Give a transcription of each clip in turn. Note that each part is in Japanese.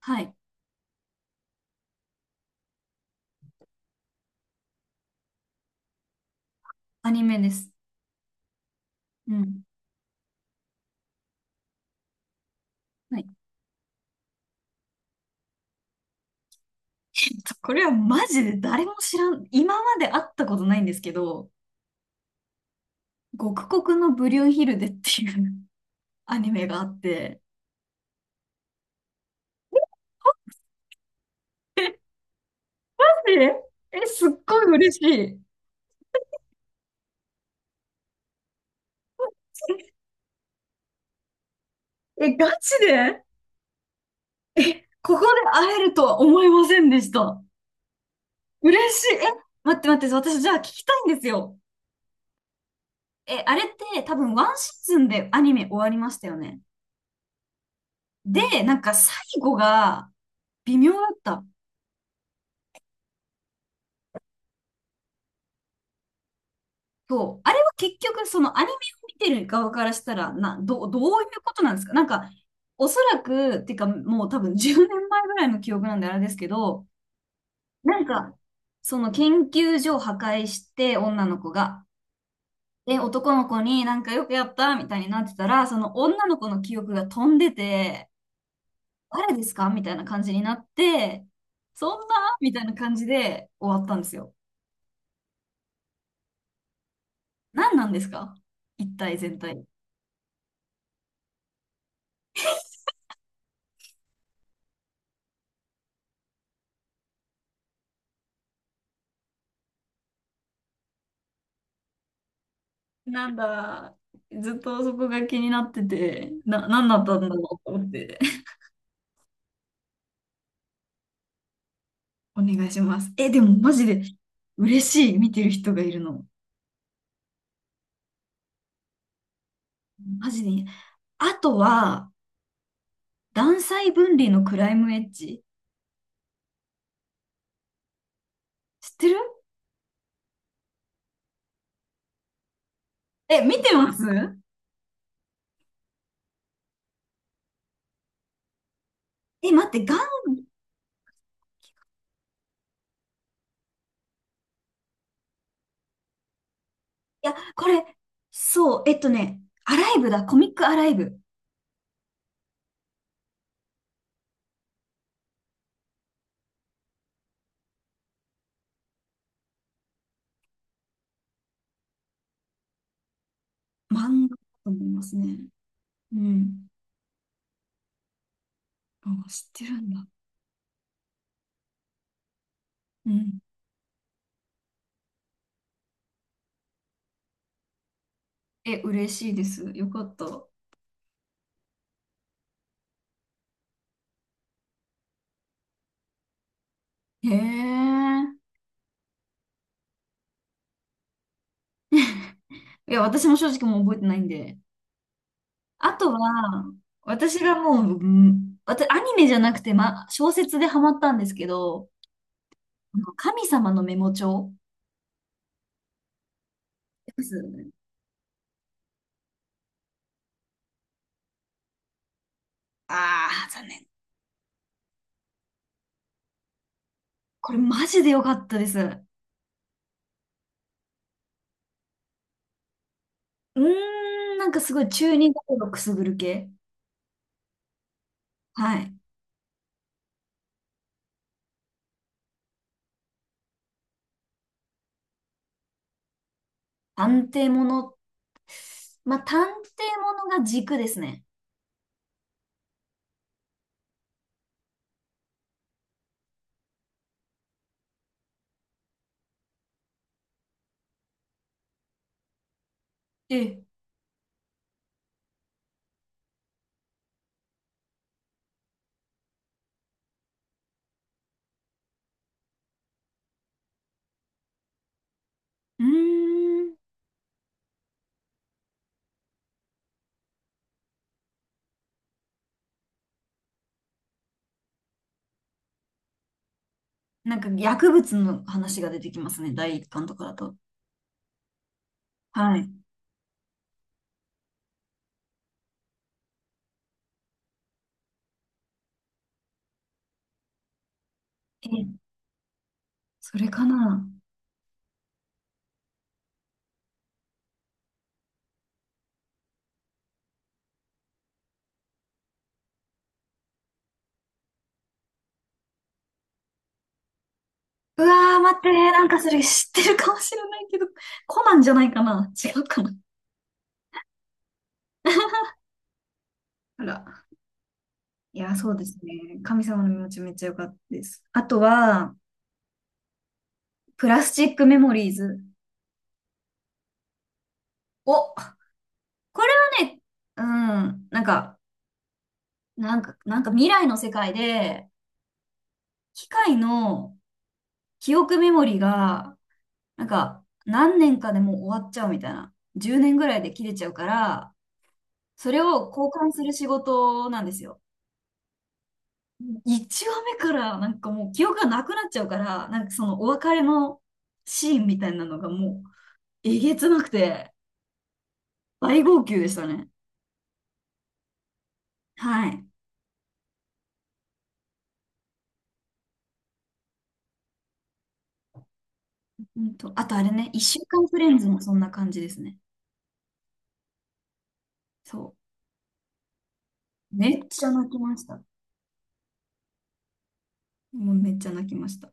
はい。アニメです。うん。はい。これはマジで誰も知らん、今まで会ったことないんですけど、極国のブリュンヒルデっていう アニメがあって。え、え、すっごい嬉しい。え、ガチでえ、ここで会えるとは思いませんでした。嬉しい。え、待って待って、私じゃあ聞きたいんですよ。え、あれって多分ワンシーズンでアニメ終わりましたよね。で、なんか最後が微妙だった。そう。あれは結局、そのアニメを見てる側からしたら、どういうことなんですか？なんか、おそらく、っていうか、もう多分10年前ぐらいの記憶なんであれですけど、なんか、その研究所を破壊して、女の子が。で、男の子になんかよくやったみたいになってたら、その女の子の記憶が飛んでて、誰ですかみたいな感じになって、そんなみたいな感じで終わったんですよ。何なんですか、一体全体。なんだ、ずっとそこが気になってて、何だったんだろうと思って、お願いします。え、でもマジで嬉しい、見てる人がいるの。マジでいい。あとは、断裁分離のクライムエッジ。知ってる？え、見てます？え、待って、いや、これ、そう、アライブだ、コミックアライブ。漫画だと思いますね。うん。あ、知ってるんだ。うん。え、嬉しいです。よかった。へえ。いや、私も正直もう覚えてないんで。あとは、私がもう、うん、私、アニメじゃなくて、ま、小説でハマったんですけど、あの神様のメモ帳ですよね？ああー、残念。これマジで良かったです。うーん、なんかすごい中二心くすぐる系。はい。探偵もの。まあ、探偵ものが軸ですね。ええ。うーん。なんか薬物の話が出てきますね。第一巻とかだと。はい。ええ、それかな。うわー、待って、なんかそれ知ってるかもしれないけど、コナンじゃないかな？違うかな？あら。いや、そうですね。神様の身持ちめっちゃ良かったです。あとは、プラスチックメモリーズ。お、これはね、うん、なんか未来の世界で、機械の記憶メモリーが、なんか、何年かでもう終わっちゃうみたいな。10年ぐらいで切れちゃうから、それを交換する仕事なんですよ。1話目からなんかもう記憶がなくなっちゃうから、なんかそのお別れのシーンみたいなのがもうえげつなくて大号泣でしたね。はい。あとあれね、1週間フレンズもそんな感じですね。そう。めっちゃ泣きました。もうめっちゃ泣きました。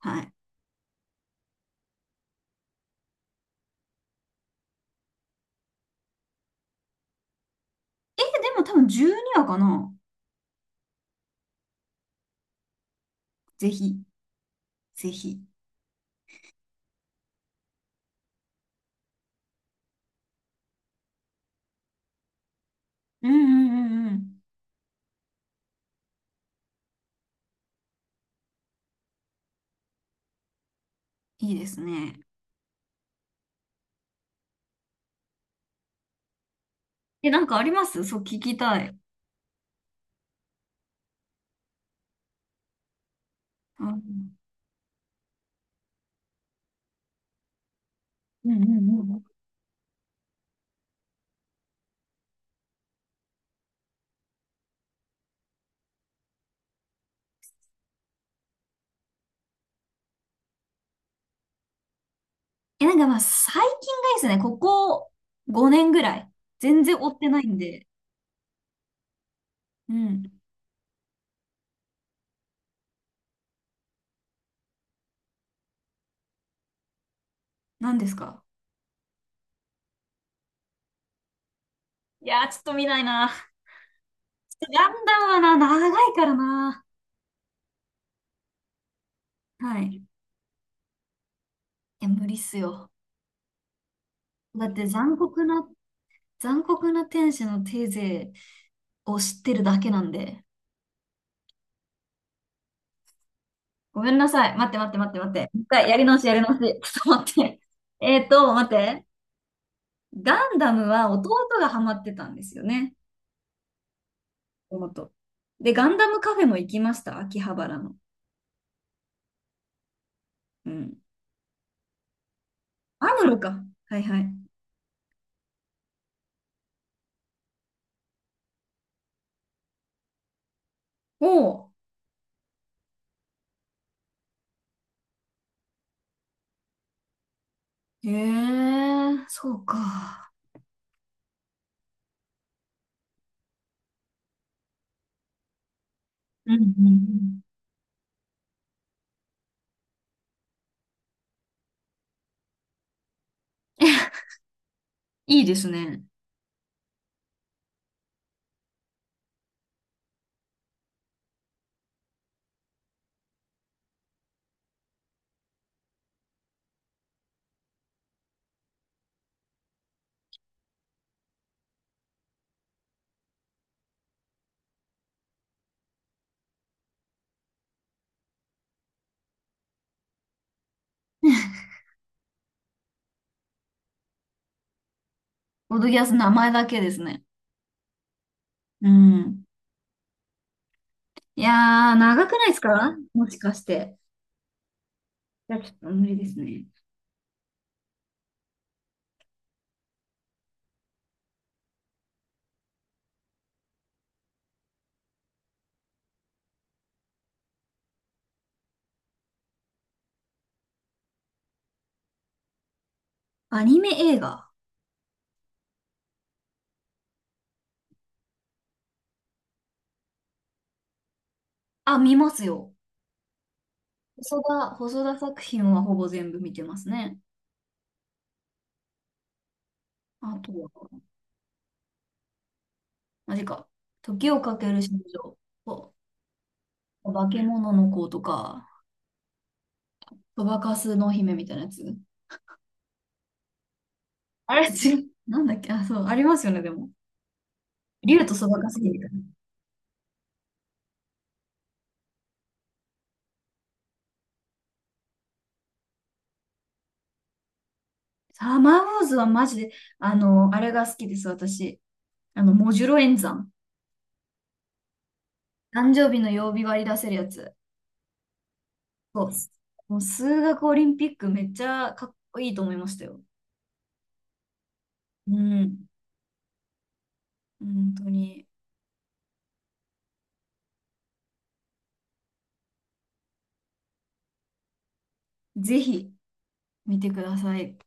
はい。え、でも多分12話かな？ぜひ、ぜひ。うんうんうんうん。いいですね。え、なんかあります？そう、聞きたい。あ、うんうんうん。え、なんかまあ最近がいいですね。ここ5年ぐらい。全然追ってないんで。うん。何ですか？いやー、ちょっと見ないな。ちょっとガンダムはな、長いからな。はい。いや、無理っすよ。だって残酷な天使のテーゼを知ってるだけなんで。ごめんなさい。待って待って待って待って。もう一回やり直しやり直し。ちょっと待って。待って。ガンダムは弟がハマってたんですよね。妹。で、ガンダムカフェも行きました。秋葉原の。うん。あるのか。はいはい。おう。へえ、そうか。うんうんうん。いいですね。ボドギアス名前だけですね。うん。いやー、長くないですかもしかして？いや、ちょっと無理ですね。アニメ映画。あ、見ますよ。細田作品はほぼ全部見てますね。あとは、マジか。時をかける少女と、化け物の子とか、そばかすの姫みたいなやつ。あれ、なんだっけ、あ、そう、ありますよね、でも。竜とそばが好きみたいな。サーマーウォーズはマジで、あの、あれが好きです、私。あの、モジュロ演算。誕生日の曜日割り出せるやつ。そう。もう数学オリンピックめっちゃかっこいいと思いましたよ。うん。本当に。ぜひ見てください。